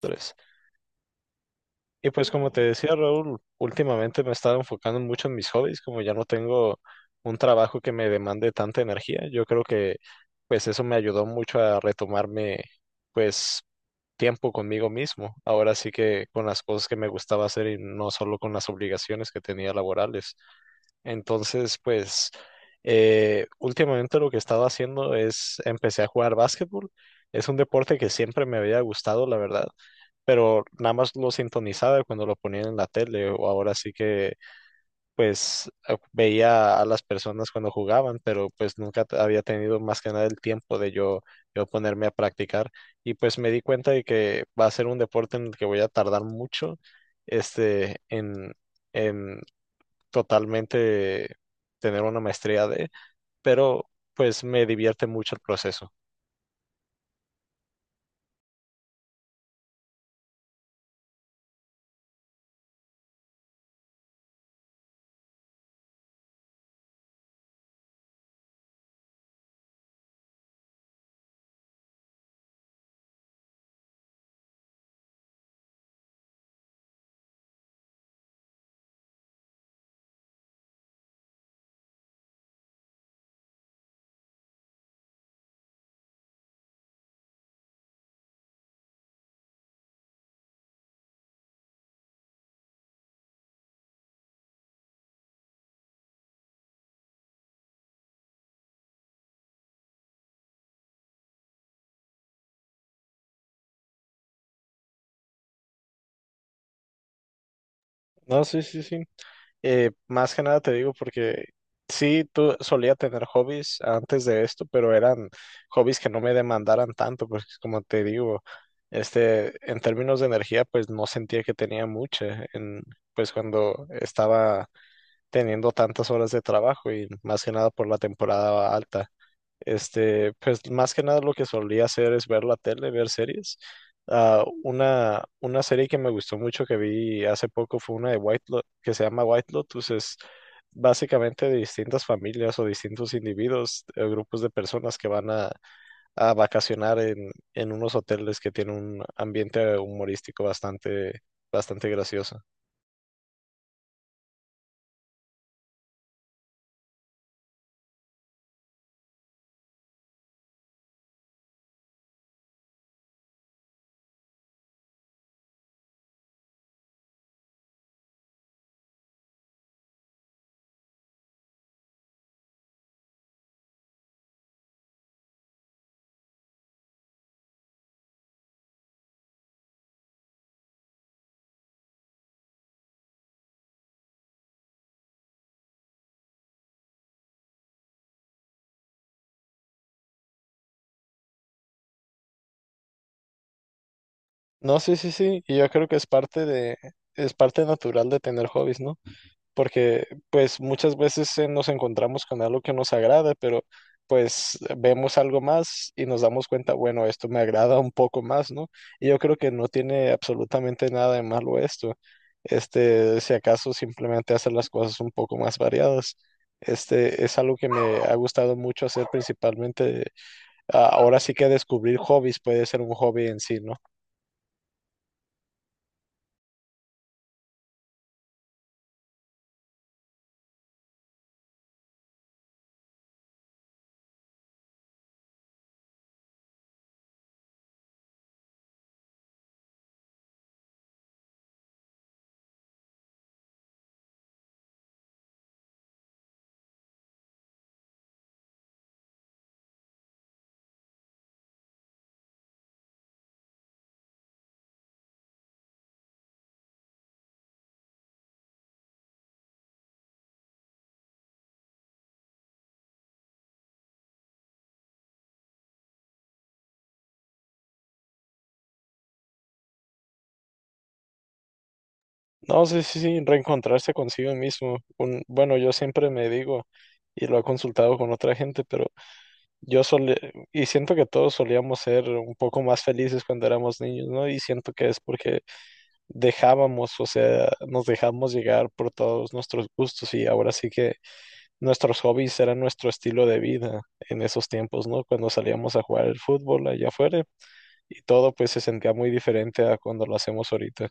Tres. Y pues como te decía Raúl, últimamente me he estado enfocando mucho en mis hobbies, como ya no tengo un trabajo que me demande tanta energía, yo creo que pues eso me ayudó mucho a retomarme pues tiempo conmigo mismo, ahora sí que con las cosas que me gustaba hacer y no solo con las obligaciones que tenía laborales. Entonces pues últimamente lo que he estado haciendo es empecé a jugar básquetbol, es un deporte que siempre me había gustado, la verdad, pero nada más lo sintonizaba cuando lo ponían en la tele, o ahora sí que pues veía a las personas cuando jugaban, pero pues nunca había tenido más que nada el tiempo de yo ponerme a practicar y pues me di cuenta de que va a ser un deporte en el que voy a tardar mucho este en totalmente tener una maestría de, pero pues me divierte mucho el proceso. No, sí, sí, sí. Más que nada te digo porque sí, tú solía tener hobbies antes de esto, pero eran hobbies que no me demandaran tanto, porque como te digo, este, en términos de energía, pues no sentía que tenía mucha, en, pues cuando estaba teniendo tantas horas de trabajo y más que nada por la temporada alta. Este, pues más que nada lo que solía hacer es ver la tele, ver series. Ah, una serie que me gustó mucho que vi hace poco fue una de que se llama White Lotus. Es básicamente de distintas familias o distintos individuos, grupos de personas que van a vacacionar en unos hoteles que tienen un ambiente humorístico bastante, bastante gracioso. No, sí, sí, sí. Y yo creo que es parte de, es parte natural de tener hobbies, ¿no? Porque pues muchas veces nos encontramos con algo que nos agrada, pero pues vemos algo más y nos damos cuenta, bueno, esto me agrada un poco más, ¿no? Y yo creo que no tiene absolutamente nada de malo esto. Este, si acaso simplemente hacer las cosas un poco más variadas. Este es algo que me ha gustado mucho hacer principalmente. Ahora sí que descubrir hobbies puede ser un hobby en sí, ¿no? No, sí, sí, sí, reencontrarse consigo mismo. Un, bueno, yo siempre me digo, y lo he consultado con otra gente, pero yo solía, y siento que todos solíamos ser un poco más felices cuando éramos niños, ¿no? Y siento que es porque dejábamos, o sea, nos dejamos llegar por todos nuestros gustos y ahora sí que nuestros hobbies eran nuestro estilo de vida en esos tiempos, ¿no? Cuando salíamos a jugar el fútbol allá afuera y todo pues se sentía muy diferente a cuando lo hacemos ahorita.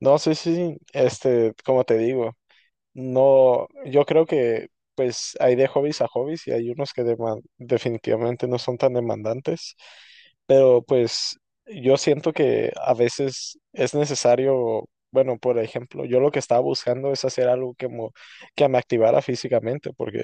No, sí, sí, este, como te digo. No, yo creo que pues hay de hobbies a hobbies y hay unos que definitivamente no son tan demandantes, pero pues yo siento que a veces es necesario, bueno, por ejemplo, yo lo que estaba buscando es hacer algo que, que me activara físicamente, porque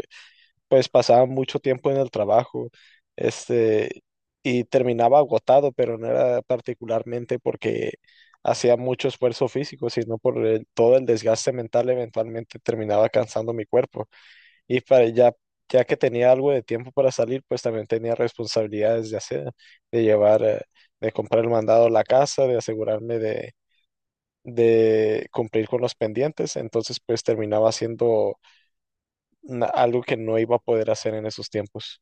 pues pasaba mucho tiempo en el trabajo, este, y terminaba agotado, pero no era particularmente porque hacía mucho esfuerzo físico, sino todo el desgaste mental eventualmente terminaba cansando mi cuerpo. Y para ya, ya que tenía algo de tiempo para salir, pues también tenía responsabilidades de hacer, de llevar, de comprar el mandado a la casa, de asegurarme de cumplir con los pendientes, entonces pues terminaba haciendo algo que no iba a poder hacer en esos tiempos.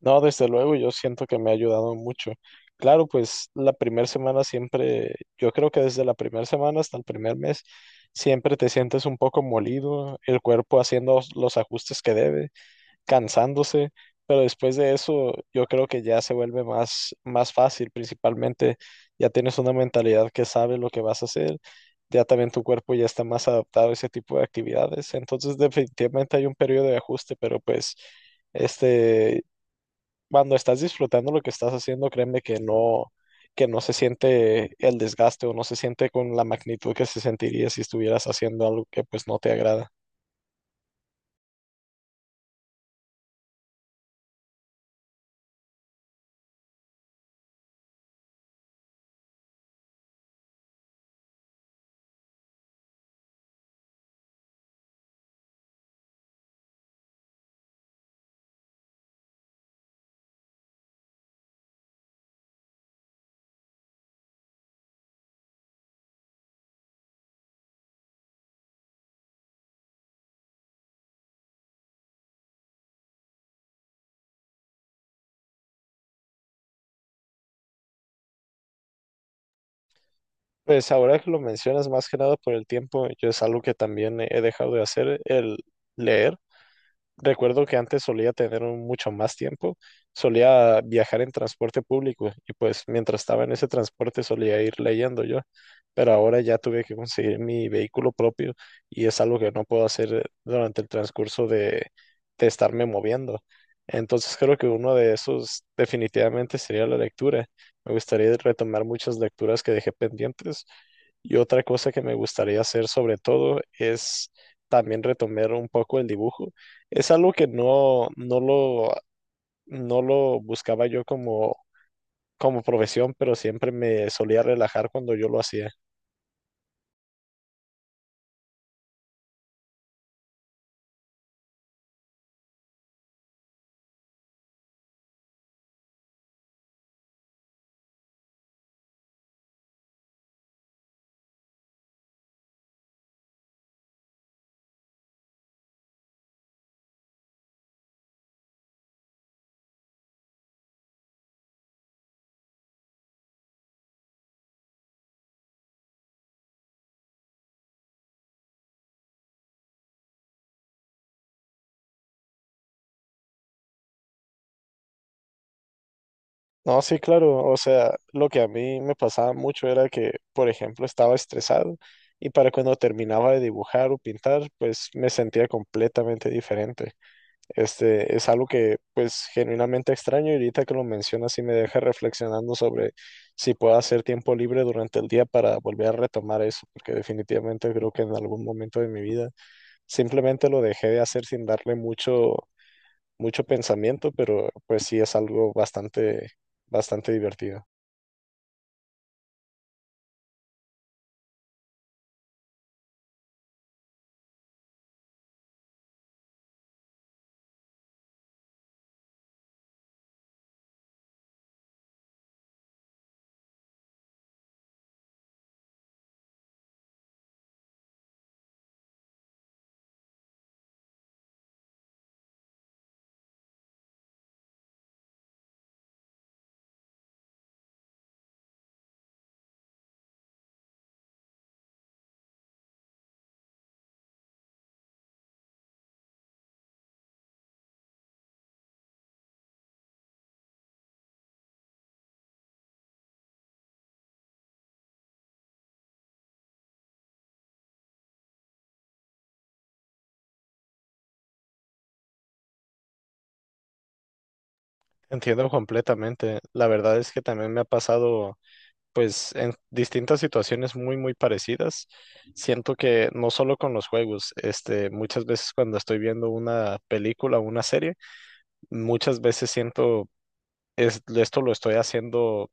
No, desde luego, yo siento que me ha ayudado mucho. Claro, pues la primera semana siempre, yo creo que desde la primera semana hasta el primer mes, siempre te sientes un poco molido, el cuerpo haciendo los ajustes que debe, cansándose, pero después de eso, yo creo que ya se vuelve más, más fácil, principalmente ya tienes una mentalidad que sabe lo que vas a hacer, ya también tu cuerpo ya está más adaptado a ese tipo de actividades, entonces definitivamente hay un periodo de ajuste, pero pues... Este, cuando estás disfrutando lo que estás haciendo, créeme que no se siente el desgaste o no se siente con la magnitud que se sentiría si estuvieras haciendo algo que pues no te agrada. Pues ahora que lo mencionas más que nada por el tiempo, yo es algo que también he dejado de hacer, el leer. Recuerdo que antes solía tener mucho más tiempo, solía viajar en transporte público y pues mientras estaba en ese transporte solía ir leyendo yo, pero ahora ya tuve que conseguir mi vehículo propio y es algo que no puedo hacer durante el transcurso de estarme moviendo. Entonces creo que uno de esos definitivamente sería la lectura. Me gustaría retomar muchas lecturas que dejé pendientes. Y otra cosa que me gustaría hacer sobre todo es también retomar un poco el dibujo. Es algo que no, no lo buscaba yo como, como profesión, pero siempre me solía relajar cuando yo lo hacía. No, sí, claro. O sea, lo que a mí me pasaba mucho era que, por ejemplo, estaba estresado y para cuando terminaba de dibujar o pintar, pues me sentía completamente diferente. Este, es algo que pues genuinamente extraño y ahorita que lo mencionas sí me deja reflexionando sobre si puedo hacer tiempo libre durante el día para volver a retomar eso, porque definitivamente creo que en algún momento de mi vida simplemente lo dejé de hacer sin darle mucho, mucho pensamiento, pero pues sí es algo bastante, bastante divertido. Entiendo completamente. La verdad es que también me ha pasado pues en distintas situaciones muy, muy parecidas. Siento que no solo con los juegos, este, muchas veces cuando estoy viendo una película o una serie, muchas veces siento, esto lo estoy haciendo,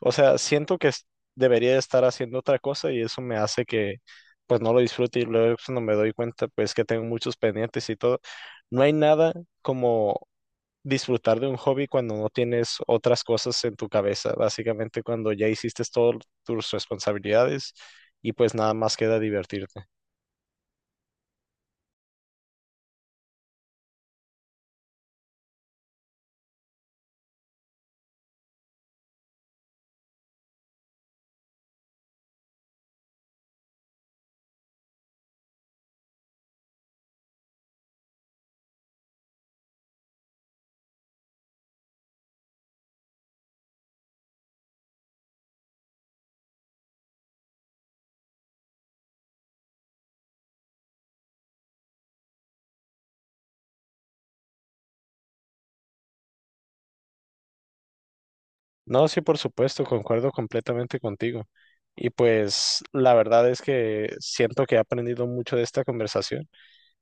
o sea, siento que debería estar haciendo otra cosa y eso me hace que pues no lo disfrute y luego cuando me doy cuenta pues que tengo muchos pendientes y todo. No hay nada como disfrutar de un hobby cuando no tienes otras cosas en tu cabeza, básicamente cuando ya hiciste todas tus responsabilidades y pues nada más queda divertirte. No, sí, por supuesto, concuerdo completamente contigo. Y pues la verdad es que siento que he aprendido mucho de esta conversación.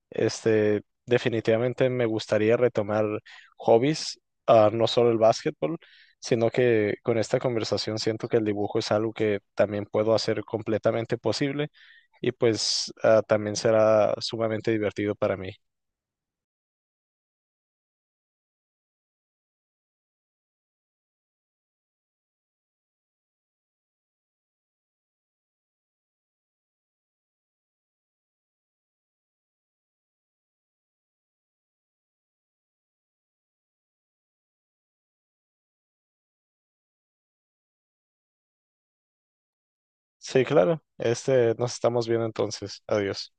Este, definitivamente me gustaría retomar hobbies, no solo el básquetbol, sino que con esta conversación siento que el dibujo es algo que también puedo hacer completamente posible y pues también será sumamente divertido para mí. Sí, claro. Este, nos estamos viendo entonces. Adiós.